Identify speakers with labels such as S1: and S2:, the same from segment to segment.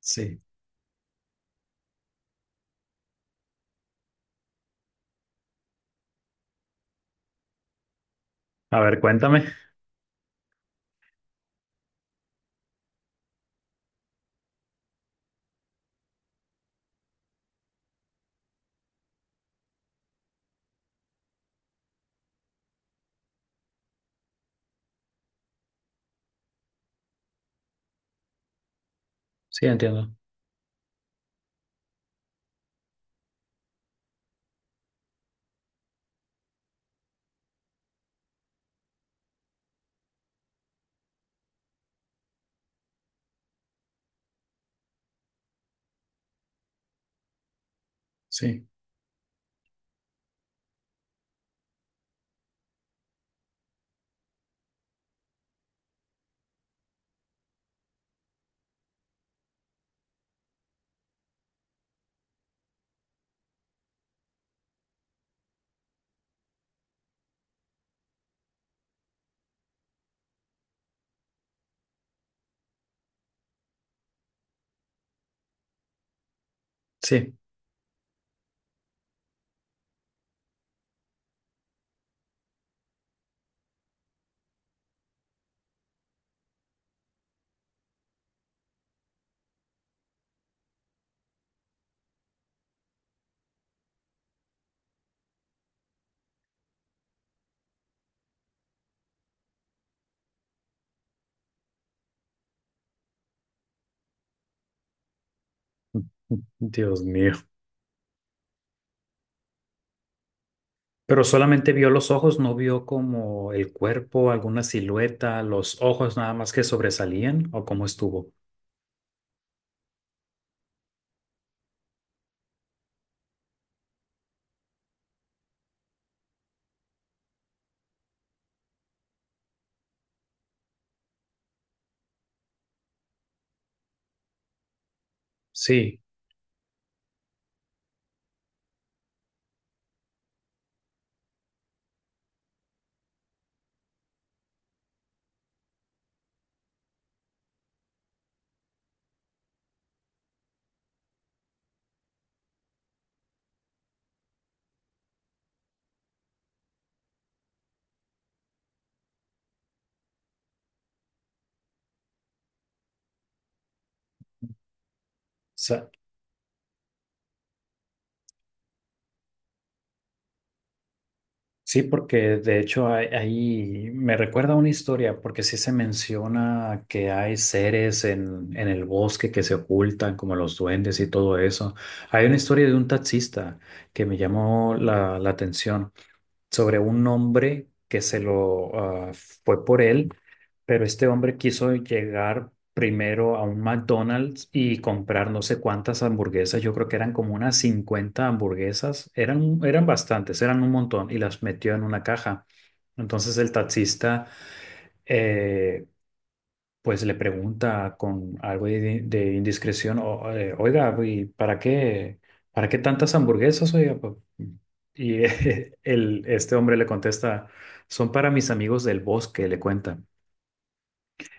S1: Sí. A ver, cuéntame. Sí, entiendo. Sí, sí. Dios mío. Pero solamente vio los ojos, no vio como el cuerpo, alguna silueta, los ojos nada más que sobresalían o cómo estuvo. Sí, sa- sí, porque de hecho ahí me recuerda una historia, porque sí se menciona que hay seres en el bosque que se ocultan, como los duendes y todo eso. Hay una historia de un taxista que me llamó la atención sobre un hombre que se lo ah, fue por él, pero este hombre quiso llegar primero a un McDonald's y comprar no sé cuántas hamburguesas, yo creo que eran como unas 50 hamburguesas, eran bastantes, eran un montón y las metió en una caja. Entonces el taxista, eh, pues le pregunta con algo de indiscreción, oiga, ¿y para qué tantas hamburguesas, oiga? Y este hombre le contesta, son para mis amigos del bosque, le cuenta.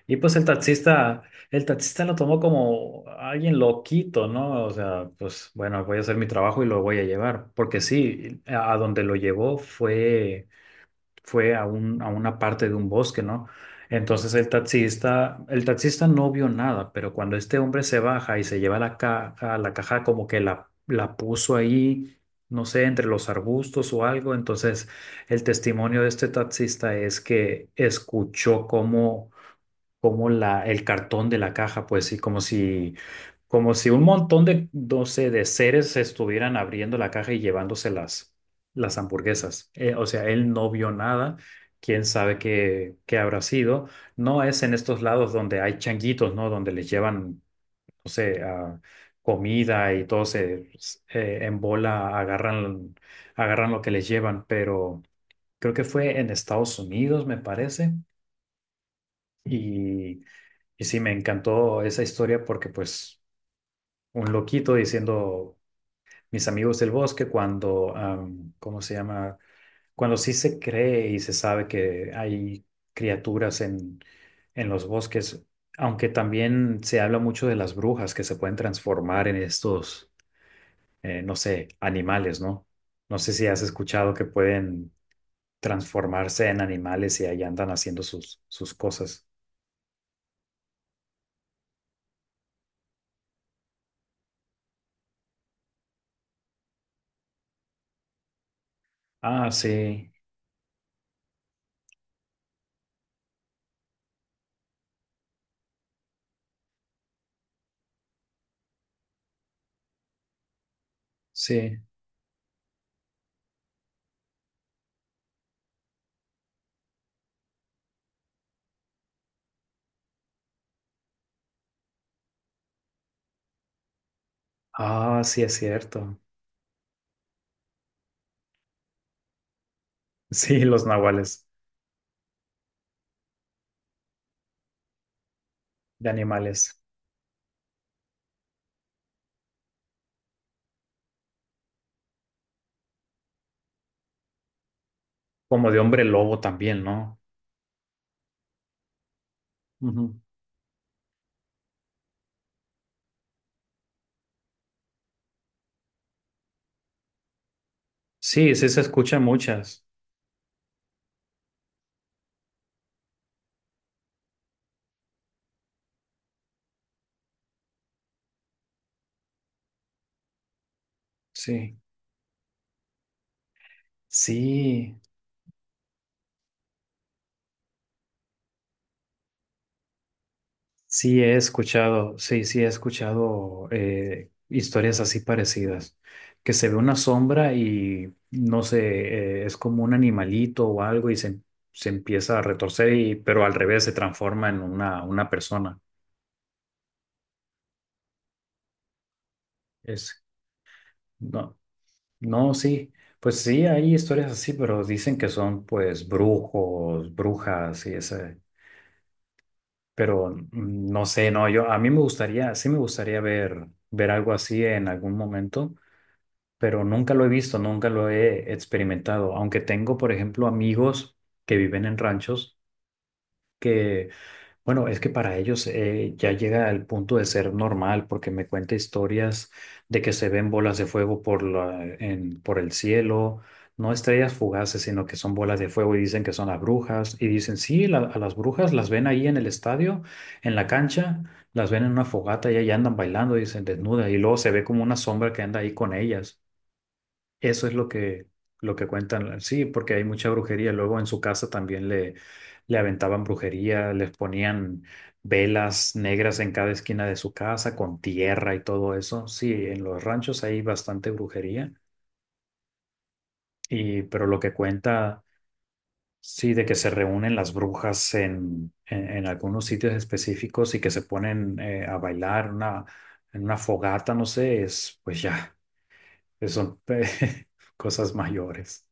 S1: Y pues el taxista lo tomó como alguien loquito, ¿no? O sea, pues bueno, voy a hacer mi trabajo y lo voy a llevar, porque sí, a donde lo llevó fue fue a a una parte de un bosque, ¿no? Entonces el taxista no vio nada, pero cuando este hombre se baja y se lleva la caja como que la puso ahí, no sé, entre los arbustos o algo. Entonces el testimonio de este taxista es que escuchó cómo como el cartón de la caja, pues sí, como si un montón de, no sé, de seres estuvieran abriendo la caja y llevándose las hamburguesas. O sea, él no vio nada, quién sabe qué, qué habrá sido. No es en estos lados donde hay changuitos, ¿no? Donde les llevan, no sé, comida y todo se en bola agarran lo que les llevan, pero creo que fue en Estados Unidos, me parece. Y y sí, me encantó esa historia porque pues un loquito diciendo mis amigos del bosque cuando, ¿cómo se llama? Cuando sí se cree y se sabe que hay criaturas en los bosques, aunque también se habla mucho de las brujas que se pueden transformar en estos, no sé, animales, ¿no? No sé si has escuchado que pueden transformarse en animales y ahí andan haciendo sus, sus cosas. Ah, sí, sí. Ah, sí, es cierto. Sí, los nahuales de animales, como de hombre lobo también, ¿no? Ujú. Sí, sí se escuchan muchas. Sí, sí, sí he escuchado, sí, sí he escuchado historias así parecidas, que se ve una sombra y no sé, es como un animalito o algo y se empieza a retorcer y, pero al revés se transforma en una persona. Es, no, No, sí, pues sí, hay historias así, pero dicen que son pues brujos, brujas y ese, pero mm, no sé, no, yo a mí me gustaría, sí me gustaría ver algo así en algún momento, pero nunca lo he visto, nunca lo he experimentado, aunque tengo, por ejemplo, amigos que viven en ranchos que bueno, es que para ellos ya llega al punto de ser normal, porque me cuenta historias de que se ven bolas de fuego por por el cielo, no estrellas fugaces, sino que son bolas de fuego y dicen que son las brujas. Y dicen, sí, a las brujas las ven ahí en el estadio, en la cancha, las ven en una fogata y ahí andan bailando, dicen desnuda, y luego se ve como una sombra que anda ahí con ellas. Eso es lo que cuentan, sí, porque hay mucha brujería. Luego en su casa también le aventaban brujería, les ponían velas negras en cada esquina de su casa con tierra y todo eso. Sí, en los ranchos hay bastante brujería, y, pero lo que cuenta, sí, de que se reúnen las brujas en algunos sitios específicos y que se ponen a bailar en una fogata, no sé, es pues ya, son cosas mayores.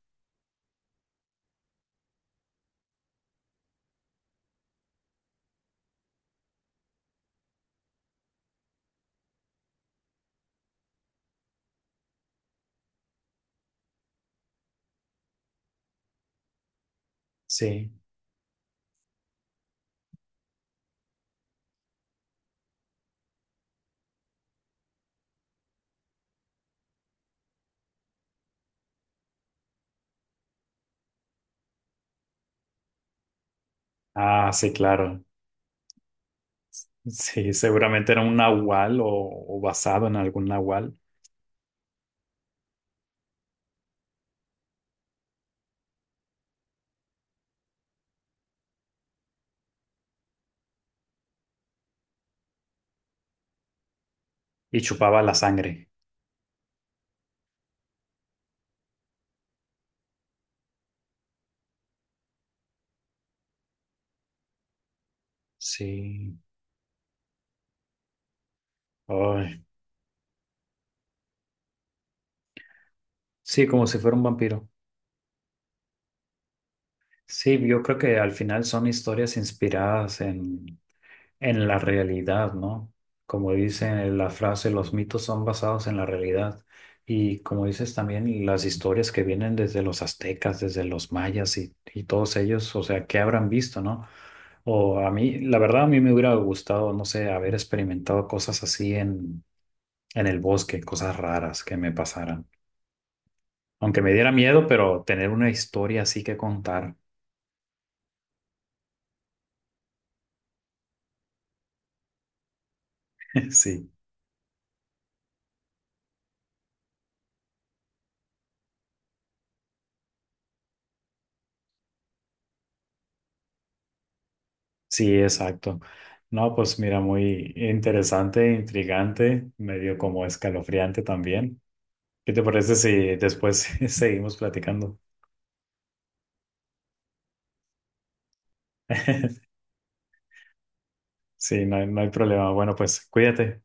S1: Sí. Ah, sí, claro. Sí, seguramente era un nahual o basado en algún nahual y chupaba la sangre. Sí. Ay, sí, como si fuera un vampiro. Sí, yo creo que al final son historias inspiradas en la realidad, ¿no? Como dice la frase, los mitos son basados en la realidad. Y como dices también, las historias que vienen desde los aztecas, desde los mayas y todos ellos, o sea, ¿qué habrán visto, no? O a mí, la verdad, a mí me hubiera gustado, no sé, haber experimentado cosas así en el bosque, cosas raras que me pasaran. Aunque me diera miedo, pero tener una historia así que contar, sí. Sí, exacto. No, pues mira, muy interesante, intrigante, medio como escalofriante también. ¿Qué te parece si después seguimos platicando? Sí, no hay problema. Bueno, pues cuídate.